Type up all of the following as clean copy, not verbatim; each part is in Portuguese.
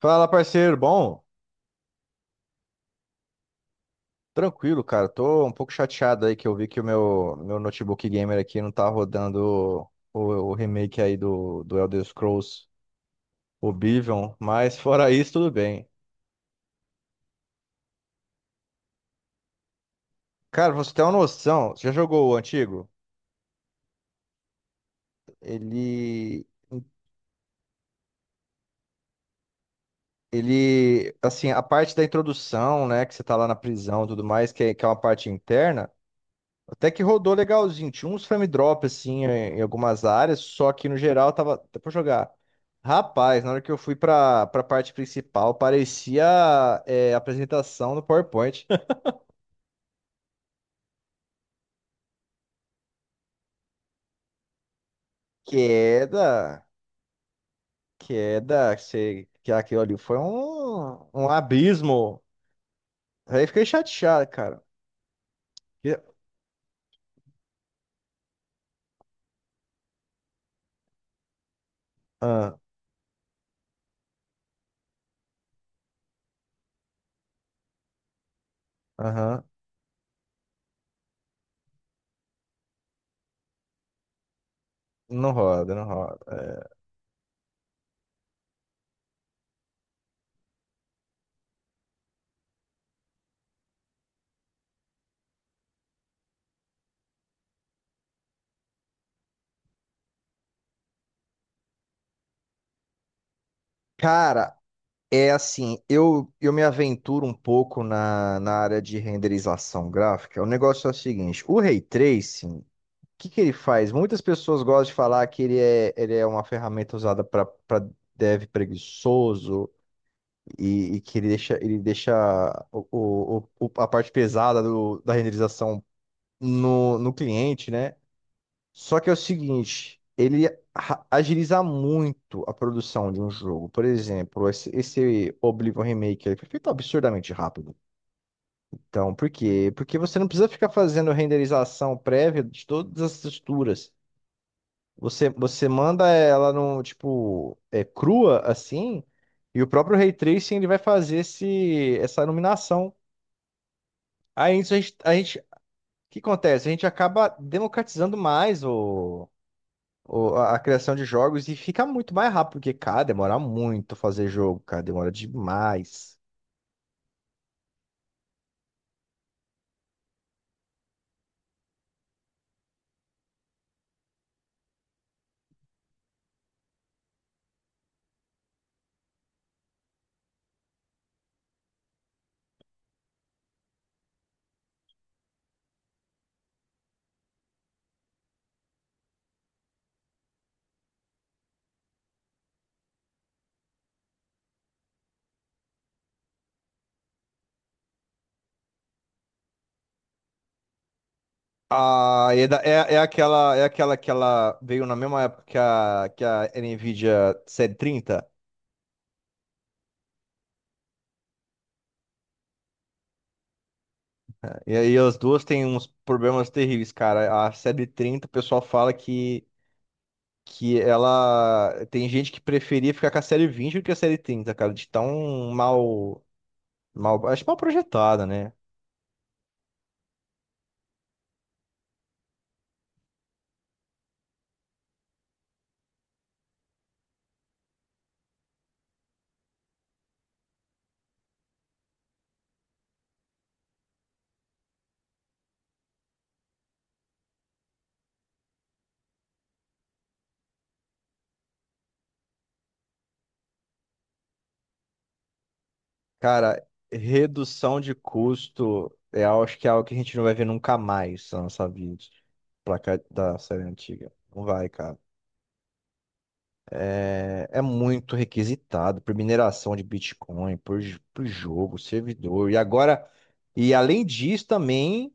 Fala, parceiro. Bom, tranquilo, cara. Tô um pouco chateado aí que eu vi que o meu notebook gamer aqui não tá rodando o remake aí do Elder Scrolls Oblivion, mas fora isso, tudo bem. Cara, pra você ter uma noção, você já jogou o antigo? Ele, ele, assim, a parte da introdução, né, que você tá lá na prisão e tudo mais, que é uma parte interna. Até que rodou legalzinho. Tinha uns frame drop assim em algumas áreas, só que no geral tava até pra jogar. Rapaz, na hora que eu fui pra parte principal, parecia apresentação no PowerPoint. Queda, queda, sei que aquilo ali foi um abismo. Aí fiquei chateado, cara. Que- Ah. Aham. Não roda, não roda. É. Cara, é assim, eu me aventuro um pouco na área de renderização gráfica. O negócio é o seguinte, o Ray Tracing, o que que ele faz? Muitas pessoas gostam de falar que ele é uma ferramenta usada para dev preguiçoso e que ele deixa a parte pesada da renderização no cliente, né? Só que é o seguinte, ele agiliza muito a produção de um jogo. Por exemplo, esse Oblivion Remake ele foi feito absurdamente rápido. Então, por quê? Porque você não precisa ficar fazendo renderização prévia de todas as texturas. Você manda ela no, tipo, crua, assim, e o próprio Ray Tracing ele vai fazer essa iluminação. Aí isso o que acontece? A gente acaba democratizando mais a criação de jogos e fica muito mais rápido, porque, cara, demora muito fazer jogo, cara, demora demais. Ah, é aquela que ela veio na mesma época que a Nvidia série 30. Né? E aí as duas têm uns problemas terríveis, cara. A série 30, o pessoal fala que ela. Tem gente que preferia ficar com a série 20 do que a série 30, cara, de tão mal, acho que mal projetada, né? Cara, redução de custo é acho que é algo que a gente não vai ver nunca mais na nossa vida. Pra cá da série antiga. Não vai, cara. É, muito requisitado por mineração de Bitcoin, por jogo, servidor. E agora, e além disso, também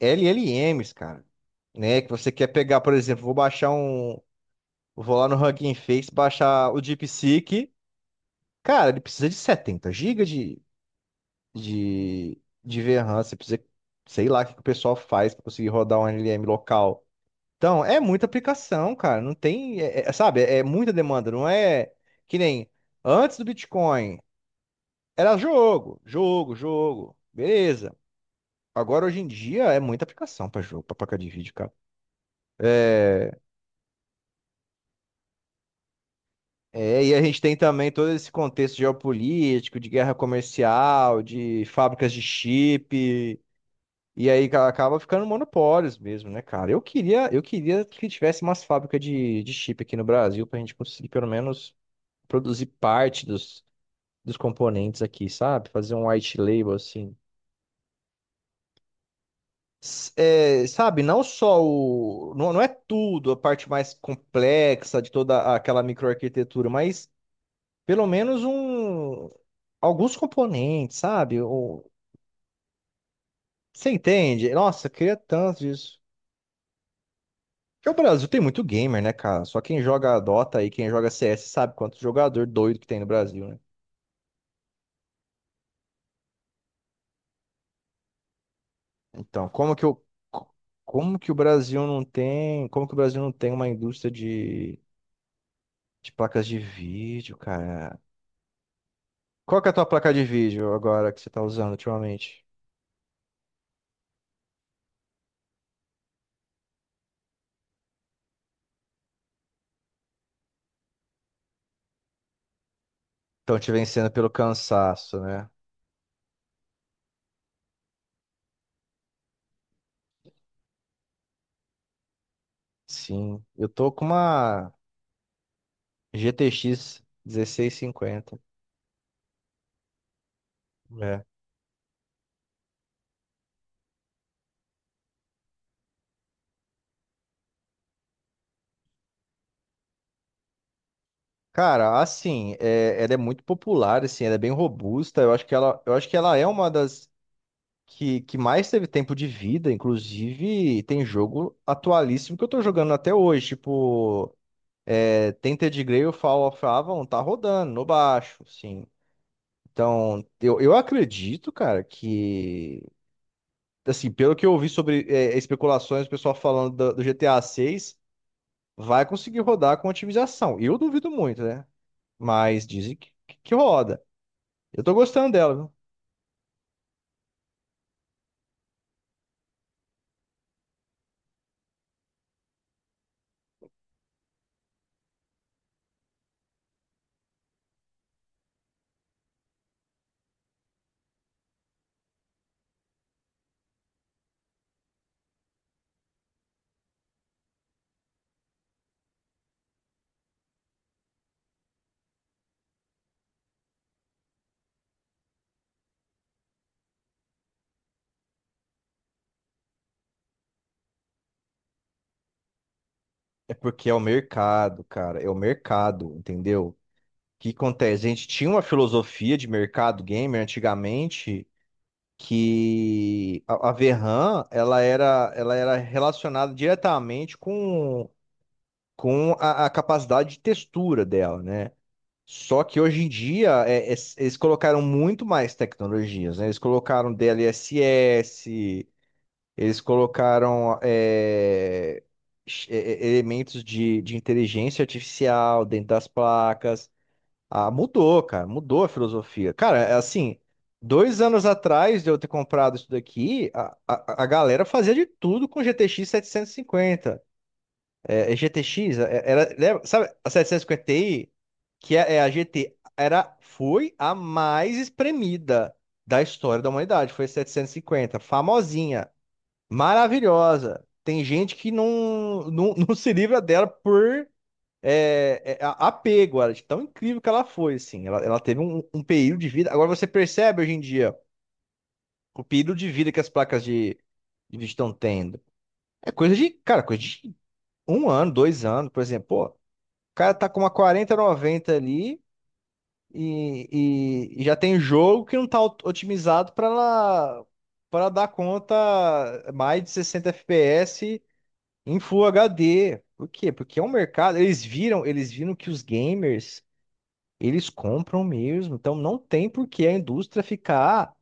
LLMs, cara. Né? Que você quer pegar, por exemplo, vou baixar um. Vou lá no Hugging Face, baixar o DeepSeek. Cara, ele precisa de 70 GB de VRAM, você precisa, sei lá, o que que o pessoal faz para conseguir rodar um LLM local. Então, é muita aplicação, cara. Não tem, sabe, é muita demanda. Não é que nem antes do Bitcoin, era jogo, jogo, jogo, beleza. Agora, hoje em dia, é muita aplicação para jogo, para placa de vídeo, cara. É, e a gente tem também todo esse contexto geopolítico, de guerra comercial, de fábricas de chip. E aí acaba ficando monopólios mesmo, né, cara? Eu queria que tivesse umas fábricas de chip aqui no Brasil pra gente conseguir pelo menos produzir parte dos componentes aqui, sabe? Fazer um white label assim. Sabe, não só o. Não, não é tudo, a parte mais complexa de toda aquela microarquitetura, mas pelo menos alguns componentes, sabe? Você entende? Nossa, eu queria tanto disso. Porque o Brasil tem muito gamer, né, cara? Só quem joga Dota e quem joga CS sabe quanto jogador doido que tem no Brasil, né? Então, como que o Brasil não tem uma indústria de placas de vídeo, cara? Qual que é a tua placa de vídeo agora que você tá usando ultimamente? Estão te vencendo pelo cansaço, né? Sim, eu tô com uma GTX 1650. Cara, assim, ela é muito popular, assim, ela é bem robusta. Eu acho que ela é uma das que mais teve tempo de vida. Inclusive, tem jogo atualíssimo que eu tô jogando até hoje. Tipo, Tainted Grail, Fall of Avalon, tá rodando no baixo, sim. Então, eu acredito, cara, que, assim, pelo que eu ouvi sobre especulações, o pessoal falando do GTA 6, vai conseguir rodar com otimização. Eu duvido muito, né? Mas dizem que roda. Eu tô gostando dela, viu? É porque é o mercado, cara. É o mercado, entendeu? O que acontece? A gente tinha uma filosofia de mercado gamer antigamente que a VRAM, ela era relacionada diretamente com a capacidade de textura dela, né? Só que hoje em dia eles colocaram muito mais tecnologias, né? Eles colocaram DLSS. Eles colocaram elementos de inteligência artificial dentro das placas. Ah, mudou, cara, mudou a filosofia. Cara, é assim, 2 anos atrás de eu ter comprado isso daqui, a galera fazia de tudo com GTX 750. É, GTX, sabe a 750 Ti, que é a GT, era, foi a mais espremida da história da humanidade, foi a 750, famosinha. Maravilhosa. Tem gente que não, não, não se livra dela por apego, ela, de tão incrível que ela foi, assim. Ela teve um período de vida. Agora você percebe hoje em dia o período de vida que as placas de vídeo estão tendo. É coisa de, cara, coisa de 1 ano, 2 anos, por exemplo. Pô, o cara tá com uma 4090 ali e, e já tem jogo que não tá otimizado pra ela, para dar conta mais de 60 FPS em Full HD. Por quê? Porque é um mercado. Eles viram que os gamers, eles compram mesmo. Então não tem por que a indústria ficar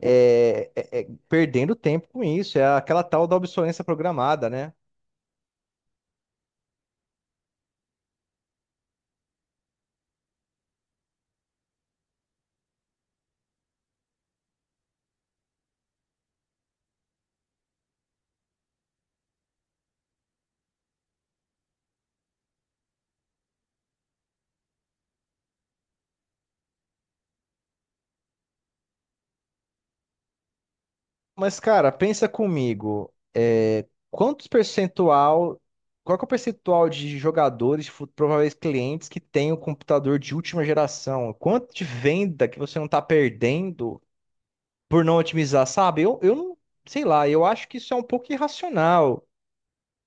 perdendo tempo com isso. É aquela tal da obsolescência programada, né? Mas, cara, pensa comigo. É, quantos percentual. Qual que é o percentual de jogadores, prováveis clientes que tem um computador de última geração? Quanto de venda que você não está perdendo por não otimizar, sabe? Eu não sei lá, eu acho que isso é um pouco irracional.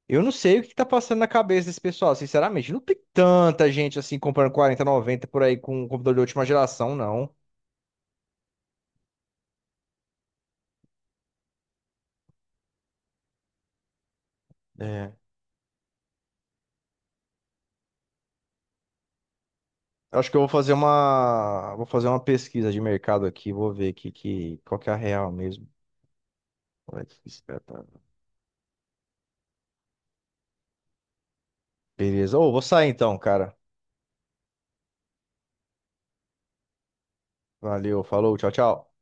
Eu não sei o que tá passando na cabeça desse pessoal, sinceramente. Não tem tanta gente assim comprando 4090 por aí com um computador de última geração, não. É. Eu acho que eu vou fazer uma pesquisa de mercado aqui, vou ver aqui que qual que é a real mesmo. Olha que esse tá- Beleza. Ô, vou sair então, cara. Valeu, falou, tchau, tchau.